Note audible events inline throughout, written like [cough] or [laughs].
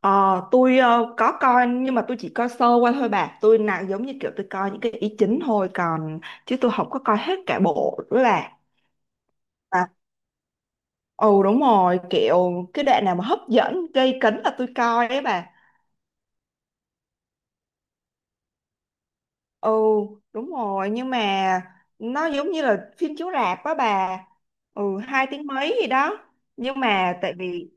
Ờ, tôi có coi, nhưng mà tôi chỉ coi sơ qua thôi bà, tôi nào giống như kiểu tôi coi những cái ý chính thôi, còn chứ tôi không có coi hết cả bộ nữa bà. À, ừ đúng rồi, kiểu cái đoạn nào mà hấp dẫn gây cấn là tôi coi ấy bà. Ừ đúng rồi, nhưng mà nó giống như là phim chiếu rạp á bà. Ừ hai tiếng mấy gì đó. Nhưng mà tại vì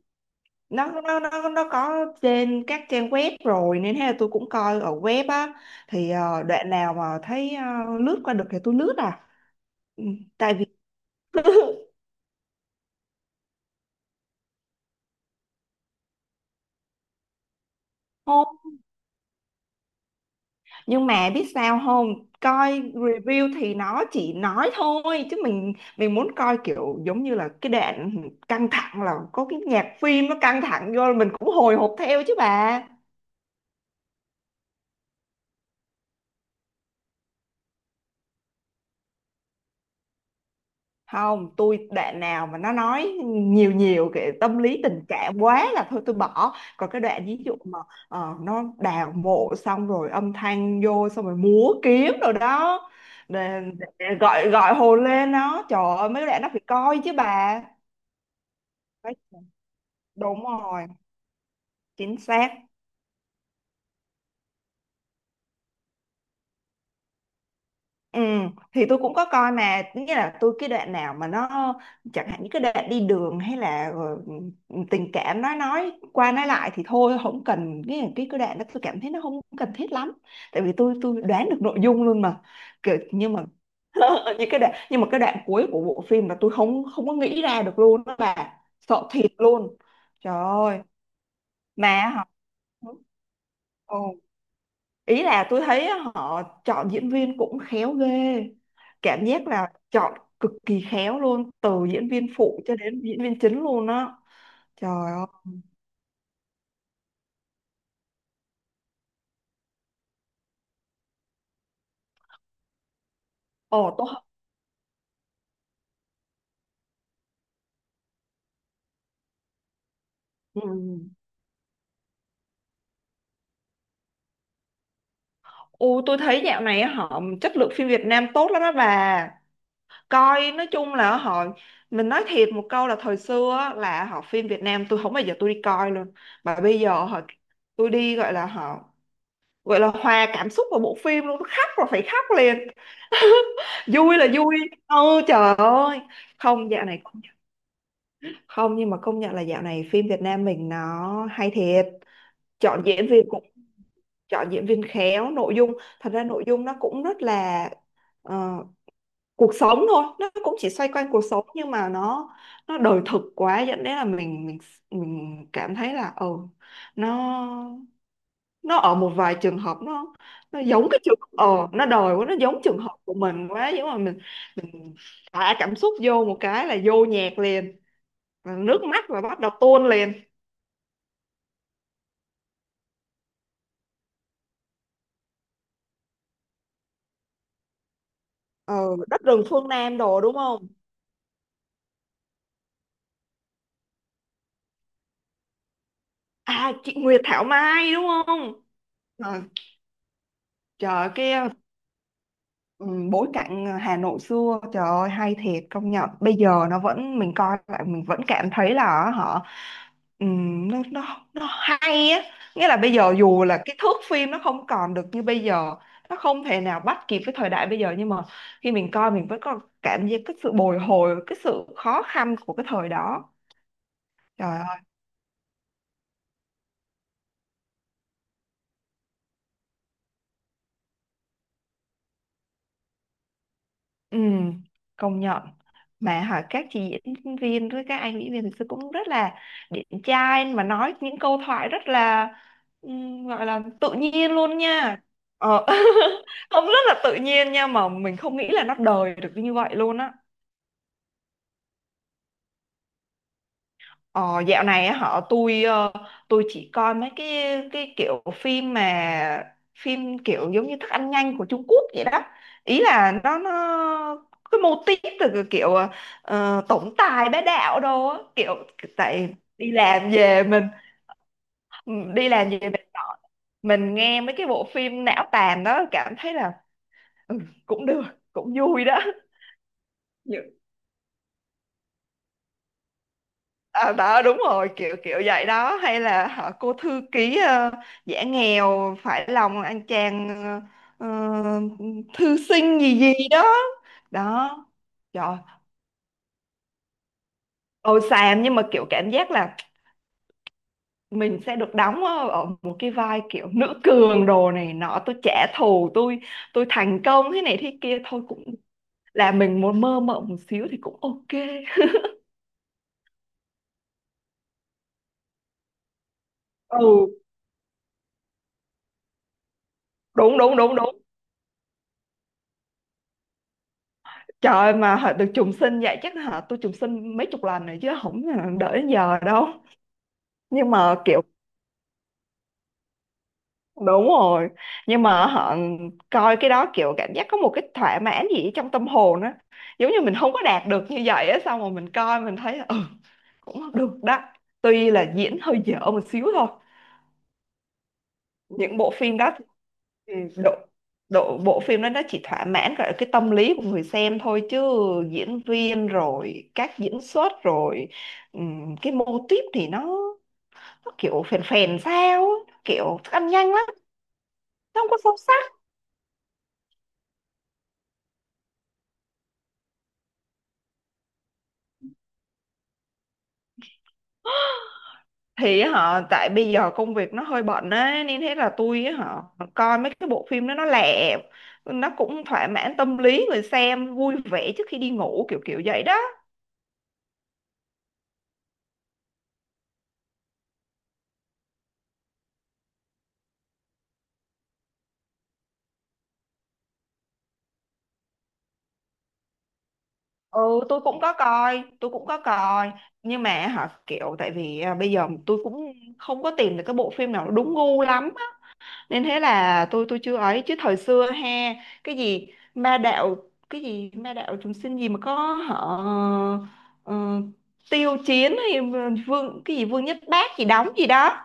nó có trên các trang web rồi, nên thế là tôi cũng coi ở web á. Thì đoạn nào mà thấy lướt qua được thì tôi lướt à. Ừ, tại vì [laughs] không, nhưng mà biết sao không, coi review thì nó chỉ nói thôi, chứ mình muốn coi kiểu giống như là cái đoạn căng thẳng là có cái nhạc phim nó căng thẳng vô là mình cũng hồi hộp theo chứ bà. Không, tôi đoạn nào mà nó nói nhiều nhiều cái tâm lý tình cảm quá là thôi tôi bỏ, còn cái đoạn ví dụ mà nó đào mộ xong rồi âm thanh vô xong rồi múa kiếm rồi đó, để, để gọi gọi hồn lên nó, trời ơi mấy cái đoạn nó phải coi chứ bà. Đấy, đúng rồi, chính xác. Ừ, thì tôi cũng có coi, mà nghĩa là tôi cái đoạn nào mà nó, chẳng hạn những cái đoạn đi đường hay là tình cảm nói qua nói lại thì thôi không cần, cái đoạn đó tôi cảm thấy nó không cần thiết lắm, tại vì tôi đoán được nội dung luôn mà. Kiểu, nhưng mà [laughs] những cái đoạn, nhưng mà cái đoạn cuối của bộ phim là tôi không không có nghĩ ra được luôn đó bà, sợ thiệt luôn. Trời ơi, mà hả? Ừ, ý là tôi thấy họ chọn diễn viên cũng khéo ghê, cảm giác là chọn cực kỳ khéo luôn, từ diễn viên phụ cho đến diễn viên chính luôn á. Trời ơi. Ồ tôi, ừ. Ồ, tôi thấy dạo này họ chất lượng phim Việt Nam tốt lắm đó bà, coi nói chung là họ, mình nói thiệt một câu là thời xưa á, là họ phim Việt Nam tôi không bao giờ tôi đi coi luôn. Mà bây giờ họ, tôi đi gọi là họ gọi là hòa cảm xúc vào bộ phim luôn, tôi khóc rồi phải khóc liền. [laughs] Vui là vui, ừ trời ơi. Không dạo này công nhận- không, nhưng mà công nhận là dạo này phim Việt Nam mình nó hay thiệt, chọn diễn viên cũng, chọn diễn viên khéo, nội dung, thật ra nội dung nó cũng rất là ờ, cuộc sống thôi, nó cũng chỉ xoay quanh cuộc sống nhưng mà nó đời thực quá, dẫn đến là mình cảm thấy là ừ, nó nó ở một vài trường hợp nó giống cái trường nó đòi quá, nó giống trường hợp của mình quá giống, mà mình thả cảm xúc vô một cái là vô nhạc liền. Và nước mắt là bắt đầu tuôn liền. Ờ đất rừng phương Nam đồ đúng không. À chị Nguyệt Thảo Mai đúng không. Ờ, trời cái. Ừ, bối cảnh Hà Nội xưa trời ơi hay thiệt công nhận, bây giờ nó vẫn mình coi lại mình vẫn cảm thấy là họ nó hay á, nghĩa là bây giờ dù là cái thước phim nó không còn được như bây giờ, nó không thể nào bắt kịp với thời đại bây giờ, nhưng mà khi mình coi mình vẫn có cảm giác cái sự bồi hồi, cái sự khó khăn của cái thời đó. Trời. Ừ, công nhận. Mà hỏi các chị diễn viên với các anh diễn viên thực sự cũng rất là điển trai, mà nói những câu thoại rất là gọi là tự nhiên luôn nha. ờ, [laughs] không rất là tự nhiên nha, mà mình không nghĩ là nó đời được như vậy luôn á. Ờ, dạo này á, họ tôi tôi chỉ coi mấy cái kiểu phim mà phim kiểu giống như thức ăn nhanh của Trung Quốc vậy đó, ý là nó cái mô típ từ cái kiểu tổng tài bá đạo đồ á, kiểu tại đi làm về mình, ừ, đi làm về mình nói- mình nghe mấy cái bộ phim não tàn đó, cảm thấy là ừ, cũng được, cũng vui đó. À, đó đúng rồi kiểu kiểu vậy đó, hay là họ cô thư ký giả nghèo phải lòng anh chàng ờ, ờ, thư sinh gì gì đó đó. Trời ôi xàm, nhưng mà kiểu cảm giác là mình sẽ được đóng ở ở một cái vai kiểu nữ cường đồ này nọ, tôi trả thù, tôi thành công thế này thế kia thôi cũng là mình muốn mơ mộng một xíu thì cũng ok. Ừ đúng đúng đúng đúng. Trời ơi, mà họ được trùng sinh vậy, chắc hả tôi trùng sinh mấy chục lần rồi chứ không đợi đến giờ đâu. Nhưng mà kiểu, đúng rồi, nhưng mà họ coi cái đó kiểu cảm giác có một cái thỏa mãn gì trong tâm hồn á, giống như mình không có đạt được như vậy á, xong rồi mình coi mình thấy ừ, cũng được đó, tuy là diễn hơi dở một xíu thôi. Những bộ phim đó. Ừ, độ độ bộ phim đó nó chỉ thỏa mãn gọi là cái tâm lý của người xem thôi, chứ diễn viên rồi các diễn xuất rồi cái mô típ thì nó kiểu phèn phèn sao á, kiểu thức ăn nhanh lắm, nó không có sâu sắc. Thì họ tại bây giờ công việc nó hơi bận á, nên thế là tôi họ coi mấy cái bộ phim đó nó lẹ, nó cũng thỏa mãn tâm lý người xem, vui vẻ trước khi đi ngủ kiểu kiểu vậy đó. Ừ tôi cũng có coi, tôi cũng có coi, nhưng mà hả kiểu tại vì à, bây giờ tôi cũng không có tìm được cái bộ phim nào nó đúng gu lắm á. Nên thế là tôi chưa ấy, chứ thời xưa ha, cái gì ma đạo, cái gì ma đạo chúng sinh gì mà có họ ờ, tiêu chiến hay, vương cái gì vương nhất bác gì đóng gì đó,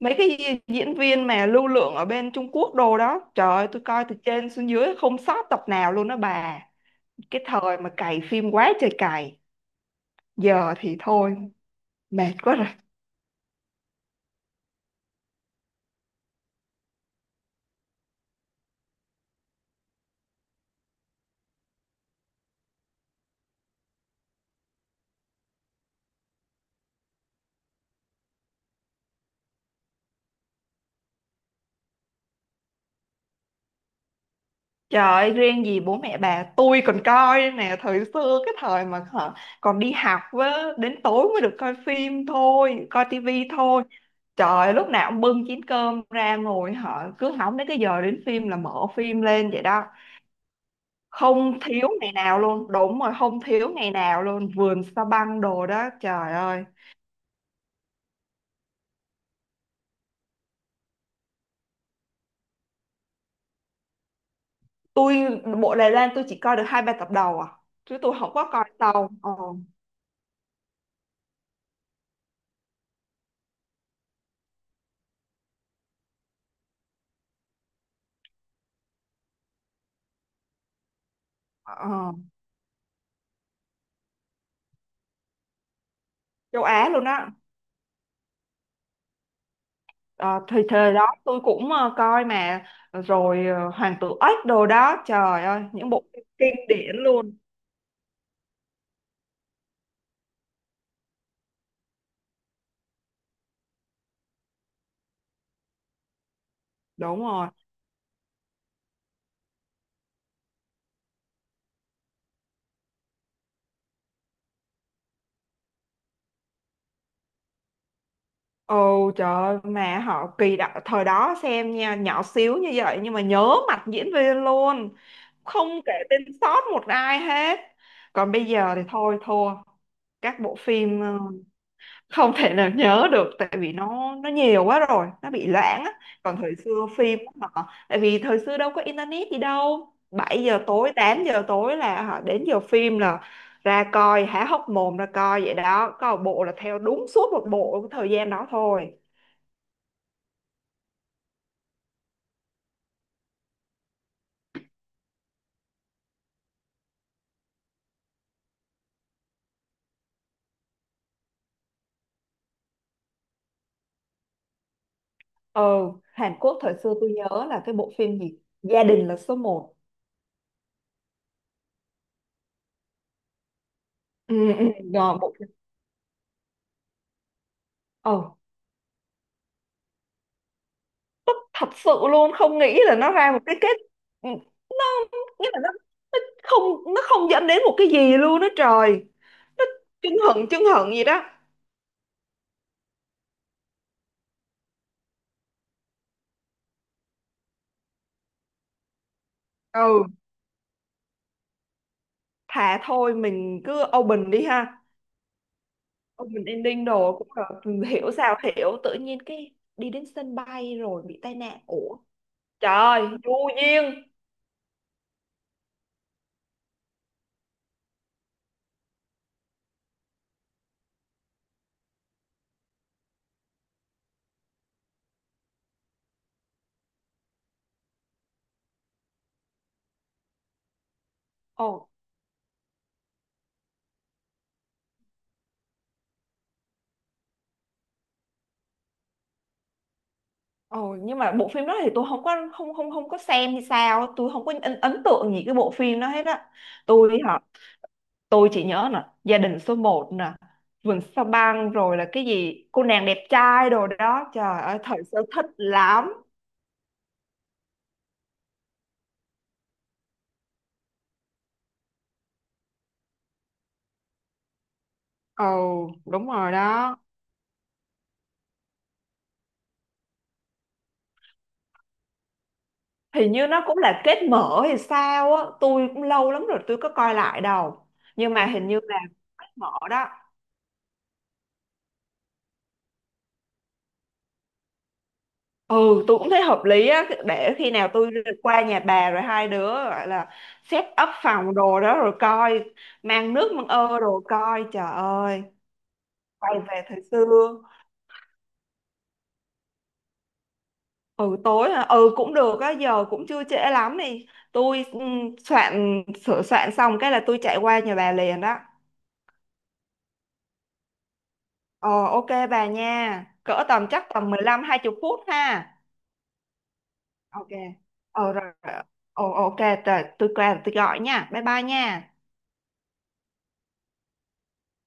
mấy cái gì- diễn viên mà lưu lượng ở bên Trung Quốc đồ đó, trời ơi tôi coi từ trên xuống dưới không sót tập nào luôn đó bà. Cái thời mà cày phim quá trời cày, giờ thì thôi mệt quá rồi. Trời ơi, riêng gì bố mẹ bà, tôi còn coi đây nè, thời xưa cái thời mà hả, còn đi học với, đến tối mới được coi phim thôi, coi tivi thôi. Trời ơi, lúc nào cũng bưng chén cơm ra ngồi, họ cứ hóng đến cái giờ đến phim là mở phim lên vậy đó. Không thiếu ngày nào luôn, đúng rồi, không thiếu ngày nào luôn, vườn sa băng đồ đó trời ơi. Tôi bộ Đài Loan tôi chỉ coi được hai ba tập đầu à, chứ tôi không có coi sau. Ờ, ờ, Châu Á luôn á. Ờ, thì thời đó tôi cũng coi mà rồi Hoàng tử ếch đồ đó trời ơi, những bộ phim kinh điển luôn. Đúng rồi. Ồ trời ơi, mà họ kỳ đó, thời đó xem nha, nhỏ xíu như vậy nhưng mà nhớ mặt diễn viên luôn, không kể tên sót một ai hết. Còn bây giờ thì thôi thua, các bộ phim không thể nào nhớ được, tại vì nó nhiều quá rồi, nó bị loãng á. Còn thời xưa phim á, họ tại vì thời xưa đâu có internet gì đâu, 7 giờ tối 8 giờ tối là họ đến giờ phim là ra coi há hốc mồm ra coi vậy đó, có một bộ là theo đúng suốt một bộ cái thời gian đó thôi. Ừ. Hàn Quốc thời xưa tôi nhớ là cái bộ phim gì gia đình là số một. ừ, ừ, rồi bộ phim, ừ thật sự luôn, không nghĩ là nó ra một cái kết. Ừ, nó nghĩa là nó, nó không dẫn đến một cái gì luôn đó trời. Nó chưng hửng gì đó. Ừ, thà thôi mình cứ open đi ha, open ending đồ cũng được, hiểu sao hiểu, tự nhiên cái đi đến sân bay rồi bị tai nạn, ủa trời vô duyên. Ồ. Ồ, nhưng mà bộ phim đó thì tôi không có không không không có xem hay sao, tôi không có ấn tượng gì cái bộ phim đó hết á. Tôi hả, tôi chỉ nhớ nè gia đình số một nè, vườn sao băng, rồi là cái gì cô nàng đẹp trai đồ đó trời ơi thời xưa thích lắm. Ồ đúng rồi đó. Hình như nó cũng là kết mở hay sao á, tôi cũng lâu lắm rồi tôi có coi lại đâu. Nhưng mà hình như là kết mở đó. Ừ tôi cũng thấy hợp lý á, để khi nào tôi qua nhà bà rồi hai đứa gọi là set up phòng đồ đó rồi coi, mang nước mang ơ đồ coi trời ơi, quay về thời xưa. Ừ tối hả, ừ cũng được á, giờ cũng chưa trễ lắm đi, tôi sửa soạn xong cái là tôi chạy qua nhà bà liền đó. Ờ ok bà nha, cỡ tầm chắc tầm mười lăm hai 20 phút ha. Ok, ờ rồi rồi. Ờ ok, rồi tôi qua tôi gọi nha, bye bye nha.